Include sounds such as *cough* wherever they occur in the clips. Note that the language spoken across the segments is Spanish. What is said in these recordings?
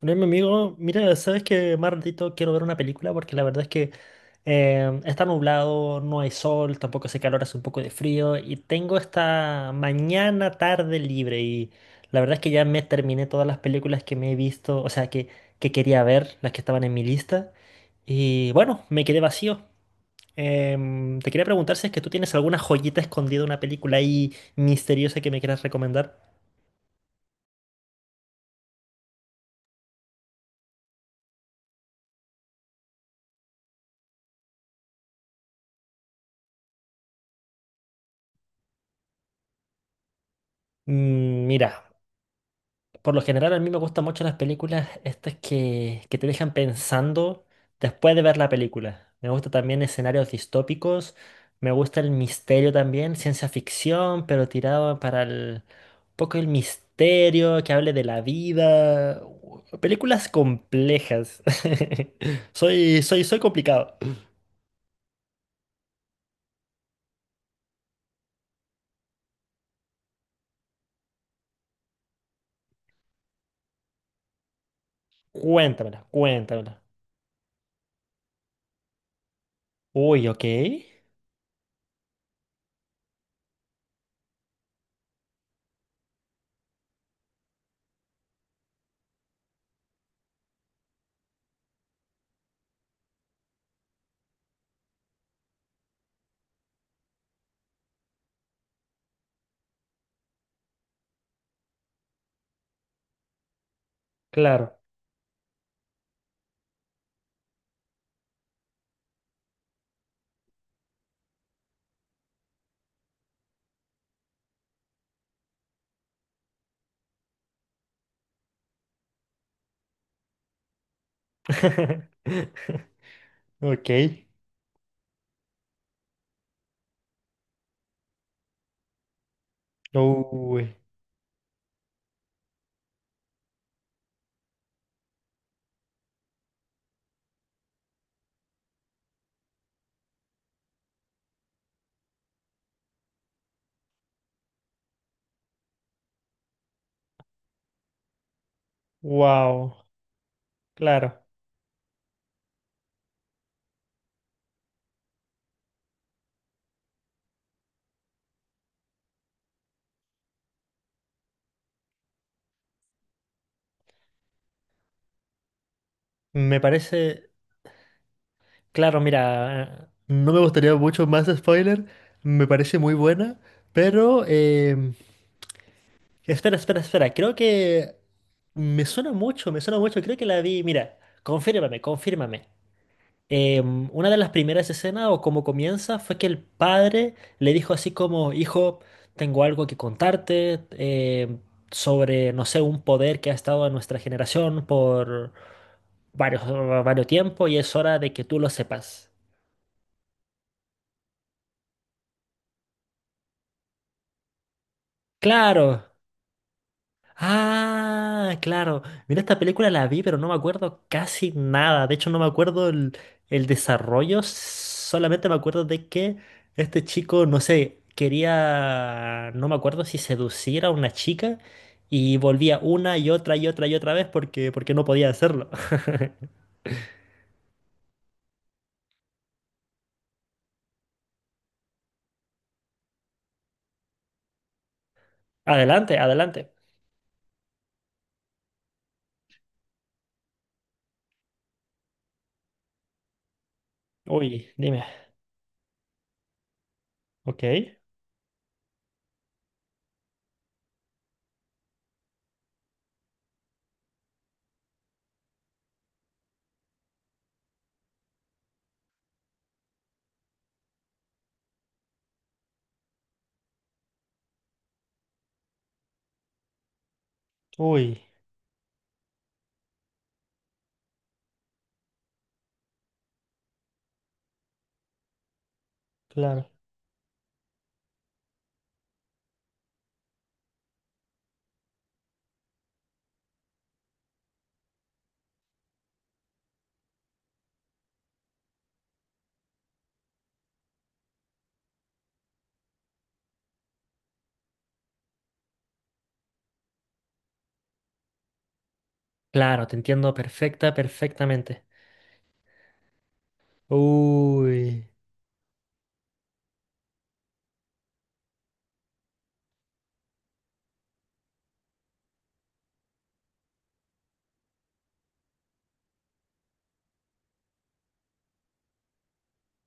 Bueno, mi amigo, mira, sabes que más ratito quiero ver una película porque la verdad es que está nublado, no hay sol, tampoco hace calor, hace un poco de frío y tengo esta mañana tarde libre y la verdad es que ya me terminé todas las películas que me he visto, o sea, que quería ver, las que estaban en mi lista y bueno, me quedé vacío. Te quería preguntar si es que tú tienes alguna joyita escondida, una película ahí misteriosa que me quieras recomendar. Mira. Por lo general, a mí me gustan mucho las películas estas que te dejan pensando después de ver la película. Me gustan también escenarios distópicos, me gusta el misterio también, ciencia ficción, pero tirado para el un poco el misterio, que hable de la vida. Películas complejas. *laughs* Soy complicado. Cuéntamela, cuéntamela. Uy, ok. Claro. *laughs* Ok. Uy. Wow. Claro, me parece, claro, mira, no me gustaría mucho más spoiler, me parece muy buena, pero espera, espera, espera, creo que me suena mucho, creo que la vi, mira, confírmame, confírmame. Una de las primeras escenas o como comienza fue que el padre le dijo así como, hijo, tengo algo que contarte sobre, no sé, un poder que ha estado en nuestra generación por varios, varios tiempo y es hora de que tú lo sepas. Claro. Ah, claro. Mira, esta película la vi, pero no me acuerdo casi nada. De hecho, no me acuerdo el desarrollo. Solamente me acuerdo de que este chico, no sé, quería, no me acuerdo si seducir a una chica y volvía una y otra y otra y otra vez porque no podía hacerlo. *laughs* Adelante, adelante. Uy, dime. Ok. Uy, claro. Claro, te entiendo perfectamente. Uy,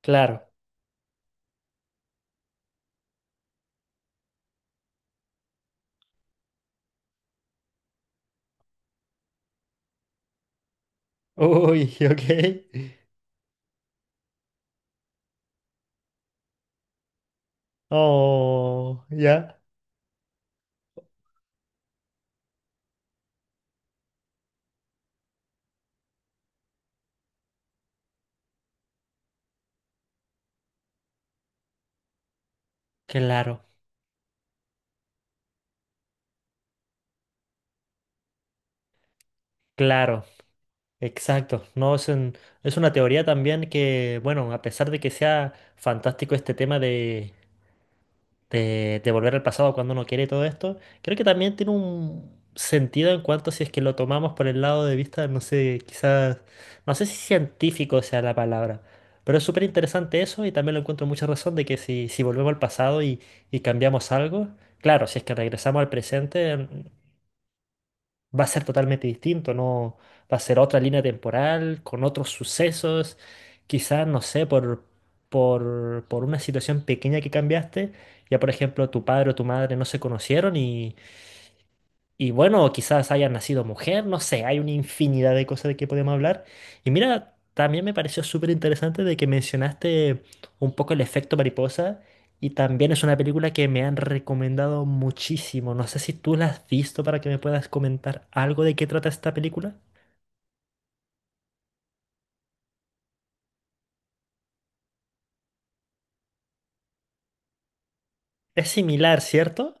claro. Uy, *laughs* ok. Oh, ya. Claro, claro, exacto. No, es una teoría también que, bueno, a pesar de que sea fantástico este tema de volver al pasado cuando uno quiere y todo esto, creo que también tiene un sentido en cuanto si es que lo tomamos por el lado de vista, no sé, quizás, no sé si científico sea la palabra, pero es súper interesante eso y también lo encuentro mucha razón de que si volvemos al pasado y cambiamos algo, claro, si es que regresamos al presente, va a ser totalmente distinto, no va a ser otra línea temporal, con otros sucesos, quizás, no sé, por una situación pequeña que cambiaste, ya por ejemplo tu padre o tu madre no se conocieron y bueno, quizás haya nacido mujer, no sé, hay una infinidad de cosas de que podemos hablar. Y mira, también me pareció súper interesante de que mencionaste un poco el efecto mariposa. Y también es una película que me han recomendado muchísimo. No sé si tú la has visto para que me puedas comentar algo de qué trata esta película. Es similar, ¿cierto?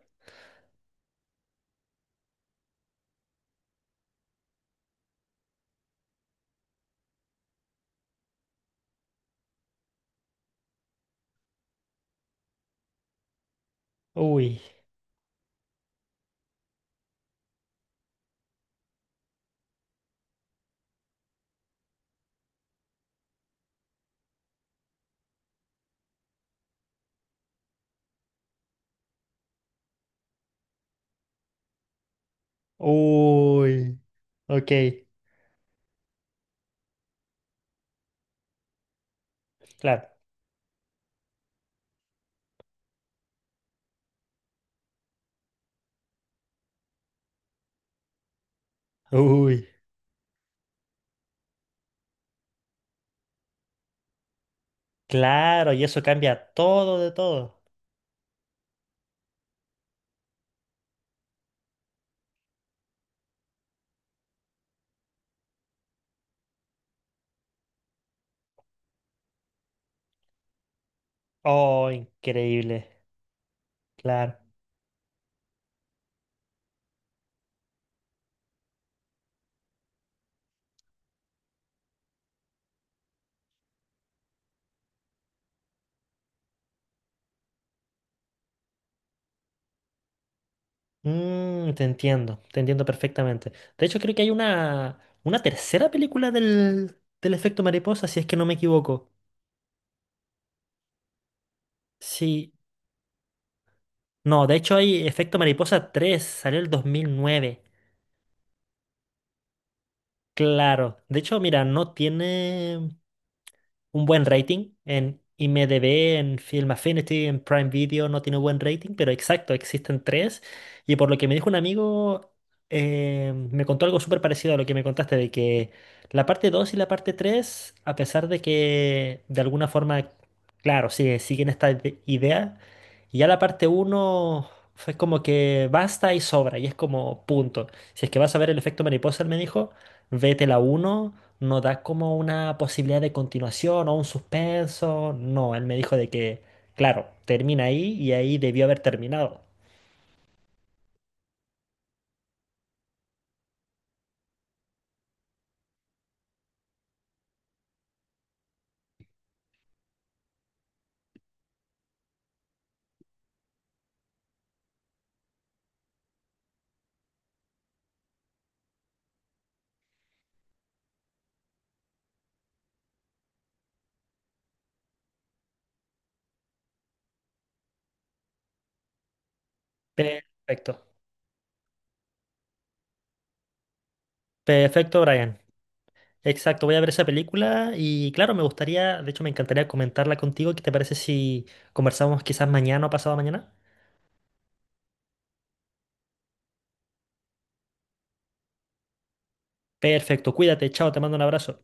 Uy, uy, ok, claro. Uy, claro, y eso cambia todo de todo. Oh, increíble, claro. Te entiendo, te entiendo perfectamente. De hecho, creo que hay una tercera película del efecto mariposa, si es que no me equivoco. Sí, no, de hecho hay efecto mariposa 3 salió el 2009. Claro, de hecho, mira, no tiene. Un buen rating. En IMDb, en Film Affinity, en Prime Video no tiene buen rating, pero exacto, existen tres. Y por lo que me dijo un amigo, me contó algo súper parecido a lo que me contaste, de que la parte 2 y la parte 3 a pesar de que de alguna forma, claro, sí, siguen esta idea, y ya la parte uno fue como que basta y sobra, y es como punto. Si es que vas a ver el efecto mariposa, él me dijo. Vete la uno no da como una posibilidad de continuación o un suspenso. No, él me dijo de que, claro, termina ahí y ahí debió haber terminado. Perfecto. Perfecto, Brian. Exacto, voy a ver esa película y claro, me gustaría, de hecho me encantaría comentarla contigo. ¿Qué te parece si conversamos quizás mañana o pasado mañana? Perfecto, cuídate, chao, te mando un abrazo.